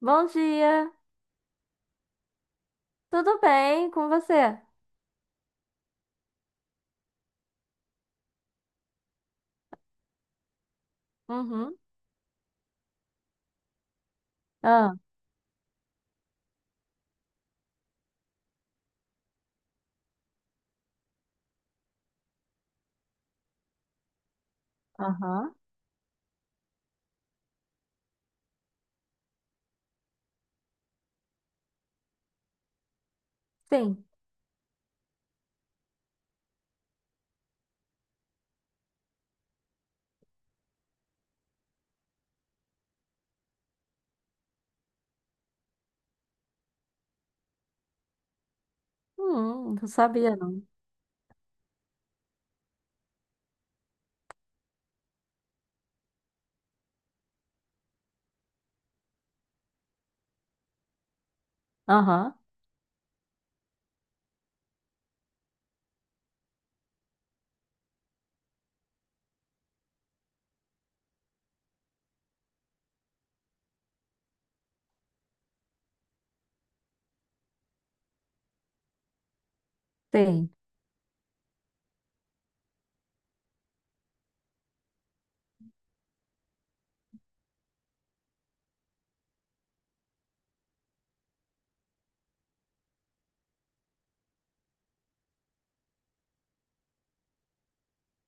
Bom dia, tudo bem com você? Uhum. Ah, aham, sim. Não sabia não. Aham, sim.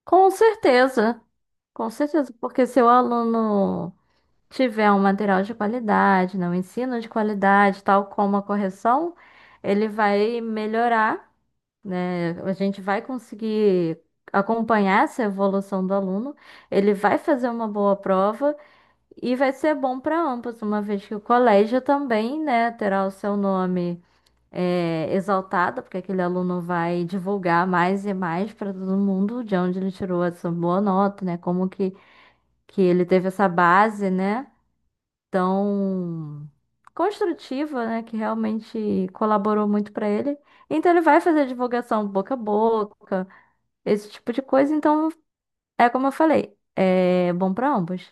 Com certeza, com certeza, porque se o aluno tiver um material de qualidade, né, um ensino de qualidade, tal como a correção, ele vai melhorar, né? A gente vai conseguir acompanhar essa evolução do aluno, ele vai fazer uma boa prova. E vai ser bom para ambos, uma vez que o colégio também, né, terá o seu nome exaltado, porque aquele aluno vai divulgar mais e mais para todo mundo de onde ele tirou essa boa nota, né, como que ele teve essa base, né, tão construtiva, né, que realmente colaborou muito para ele. Então ele vai fazer divulgação boca a boca, esse tipo de coisa. Então, é como eu falei, é bom para ambos.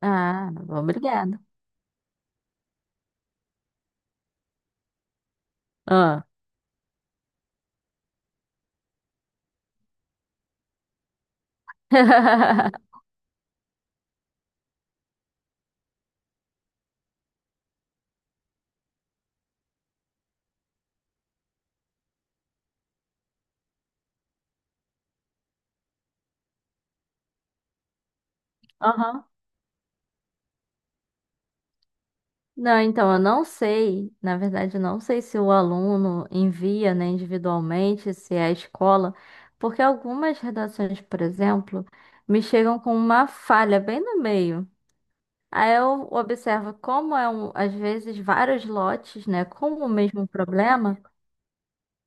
Ah, obrigada. Aham. Não, então eu não sei, na verdade, eu não sei se o aluno envia, né, individualmente, se é a escola, porque algumas redações, por exemplo, me chegam com uma falha bem no meio. Aí eu observo como é um, às vezes vários lotes, né, com o mesmo problema.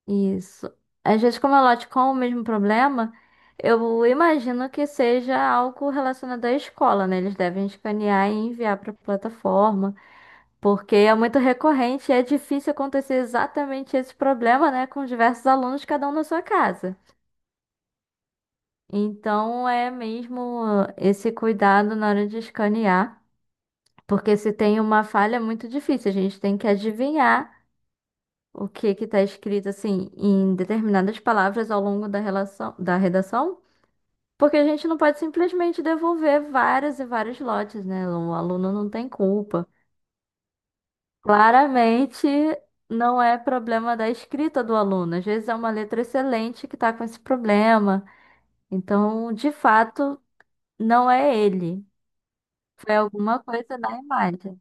Isso. Às vezes, como é lote com o mesmo problema, eu imagino que seja algo relacionado à escola, né? Eles devem escanear e enviar para a plataforma. Porque é muito recorrente e é difícil acontecer exatamente esse problema, né, com diversos alunos, cada um na sua casa. Então é mesmo esse cuidado na hora de escanear, porque se tem uma falha é muito difícil, a gente tem que adivinhar o que que está escrito assim em determinadas palavras ao longo da relação, da redação, porque a gente não pode simplesmente devolver vários e vários lotes, né? O aluno não tem culpa. Claramente não é problema da escrita do aluno. Às vezes é uma letra excelente que está com esse problema. Então, de fato, não é ele. Foi alguma coisa na imagem.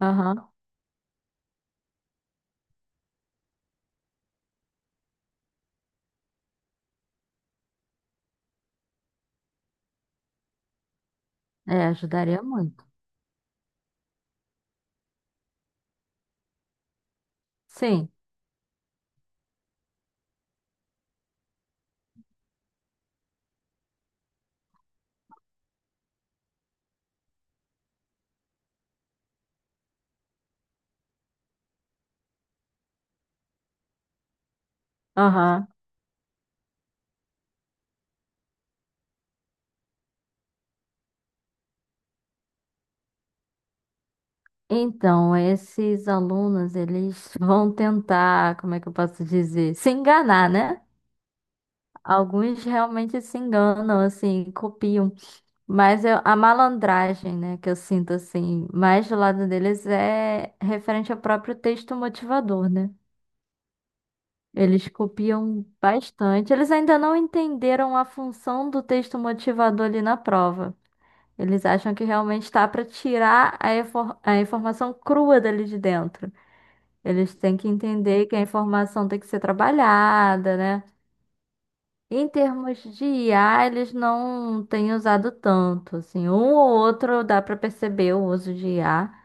Aham. É, ajudaria muito. Sim. Aham. Então, esses alunos, eles vão tentar, como é que eu posso dizer? Se enganar, né? Alguns realmente se enganam, assim, copiam. Mas a malandragem, né, que eu sinto, assim, mais do lado deles é referente ao próprio texto motivador, né? Eles copiam bastante. Eles ainda não entenderam a função do texto motivador ali na prova. Eles acham que realmente está para tirar a informação crua dali de dentro. Eles têm que entender que a informação tem que ser trabalhada, né? Em termos de IA, eles não têm usado tanto, assim, um ou outro dá para perceber o uso de IA,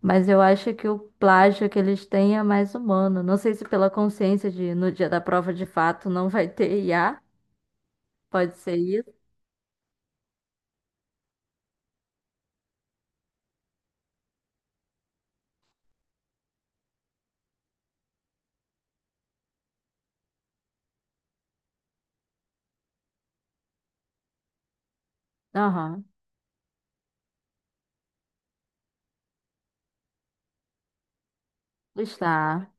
mas eu acho que o plágio que eles têm é mais humano. Não sei se pela consciência de no dia da prova de fato não vai ter IA, pode ser isso. Aham, está.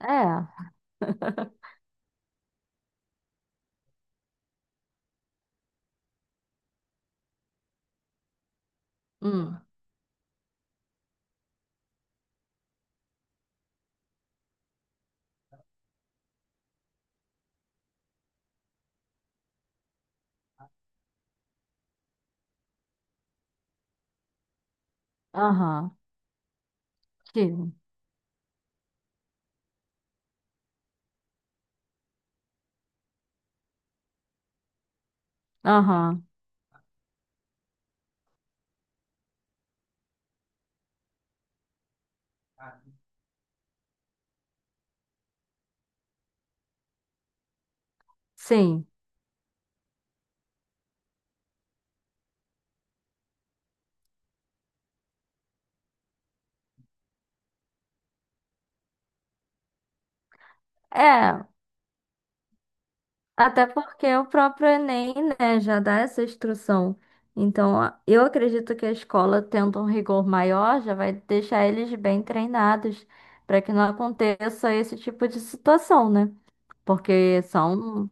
É. Hum. Aham. Sim. Aham. Sim. É. Até porque o próprio Enem, né, já dá essa instrução. Então, eu acredito que a escola, tendo um rigor maior, já vai deixar eles bem treinados para que não aconteça esse tipo de situação, né? Porque são,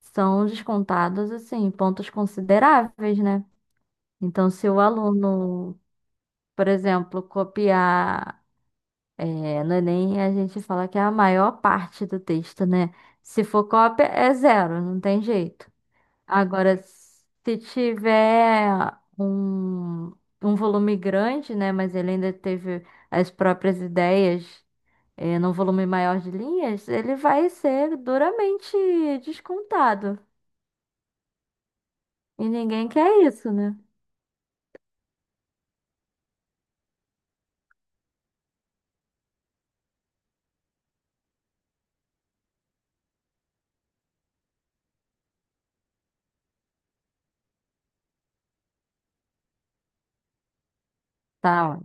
são descontados, assim, pontos consideráveis, né? Então, se o aluno, por exemplo, copiar, é, no Enem, a gente fala que é a maior parte do texto, né? Se for cópia, é zero, não tem jeito. Agora, se tiver um, um volume grande, né, mas ele ainda teve as próprias ideias, num volume maior de linhas, ele vai ser duramente descontado. E ninguém quer isso, né? Tá. Ó.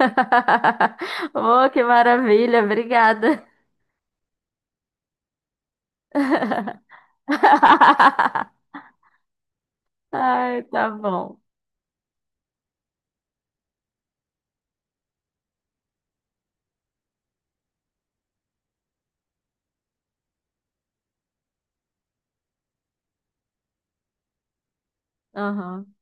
Oh, que maravilha, obrigada. Ai, tá bom. Aham,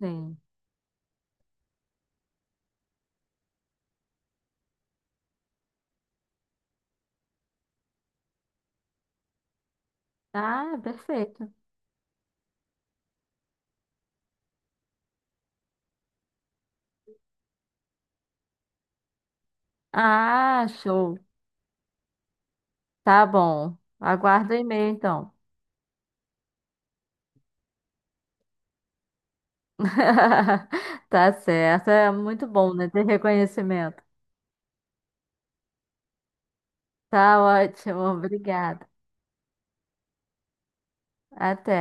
sim. Ah, perfeito. Ah, show. Tá bom. Aguardo o e-mail, então. Tá certo. É muito bom, né? Ter reconhecimento. Tá ótimo. Obrigada. Até.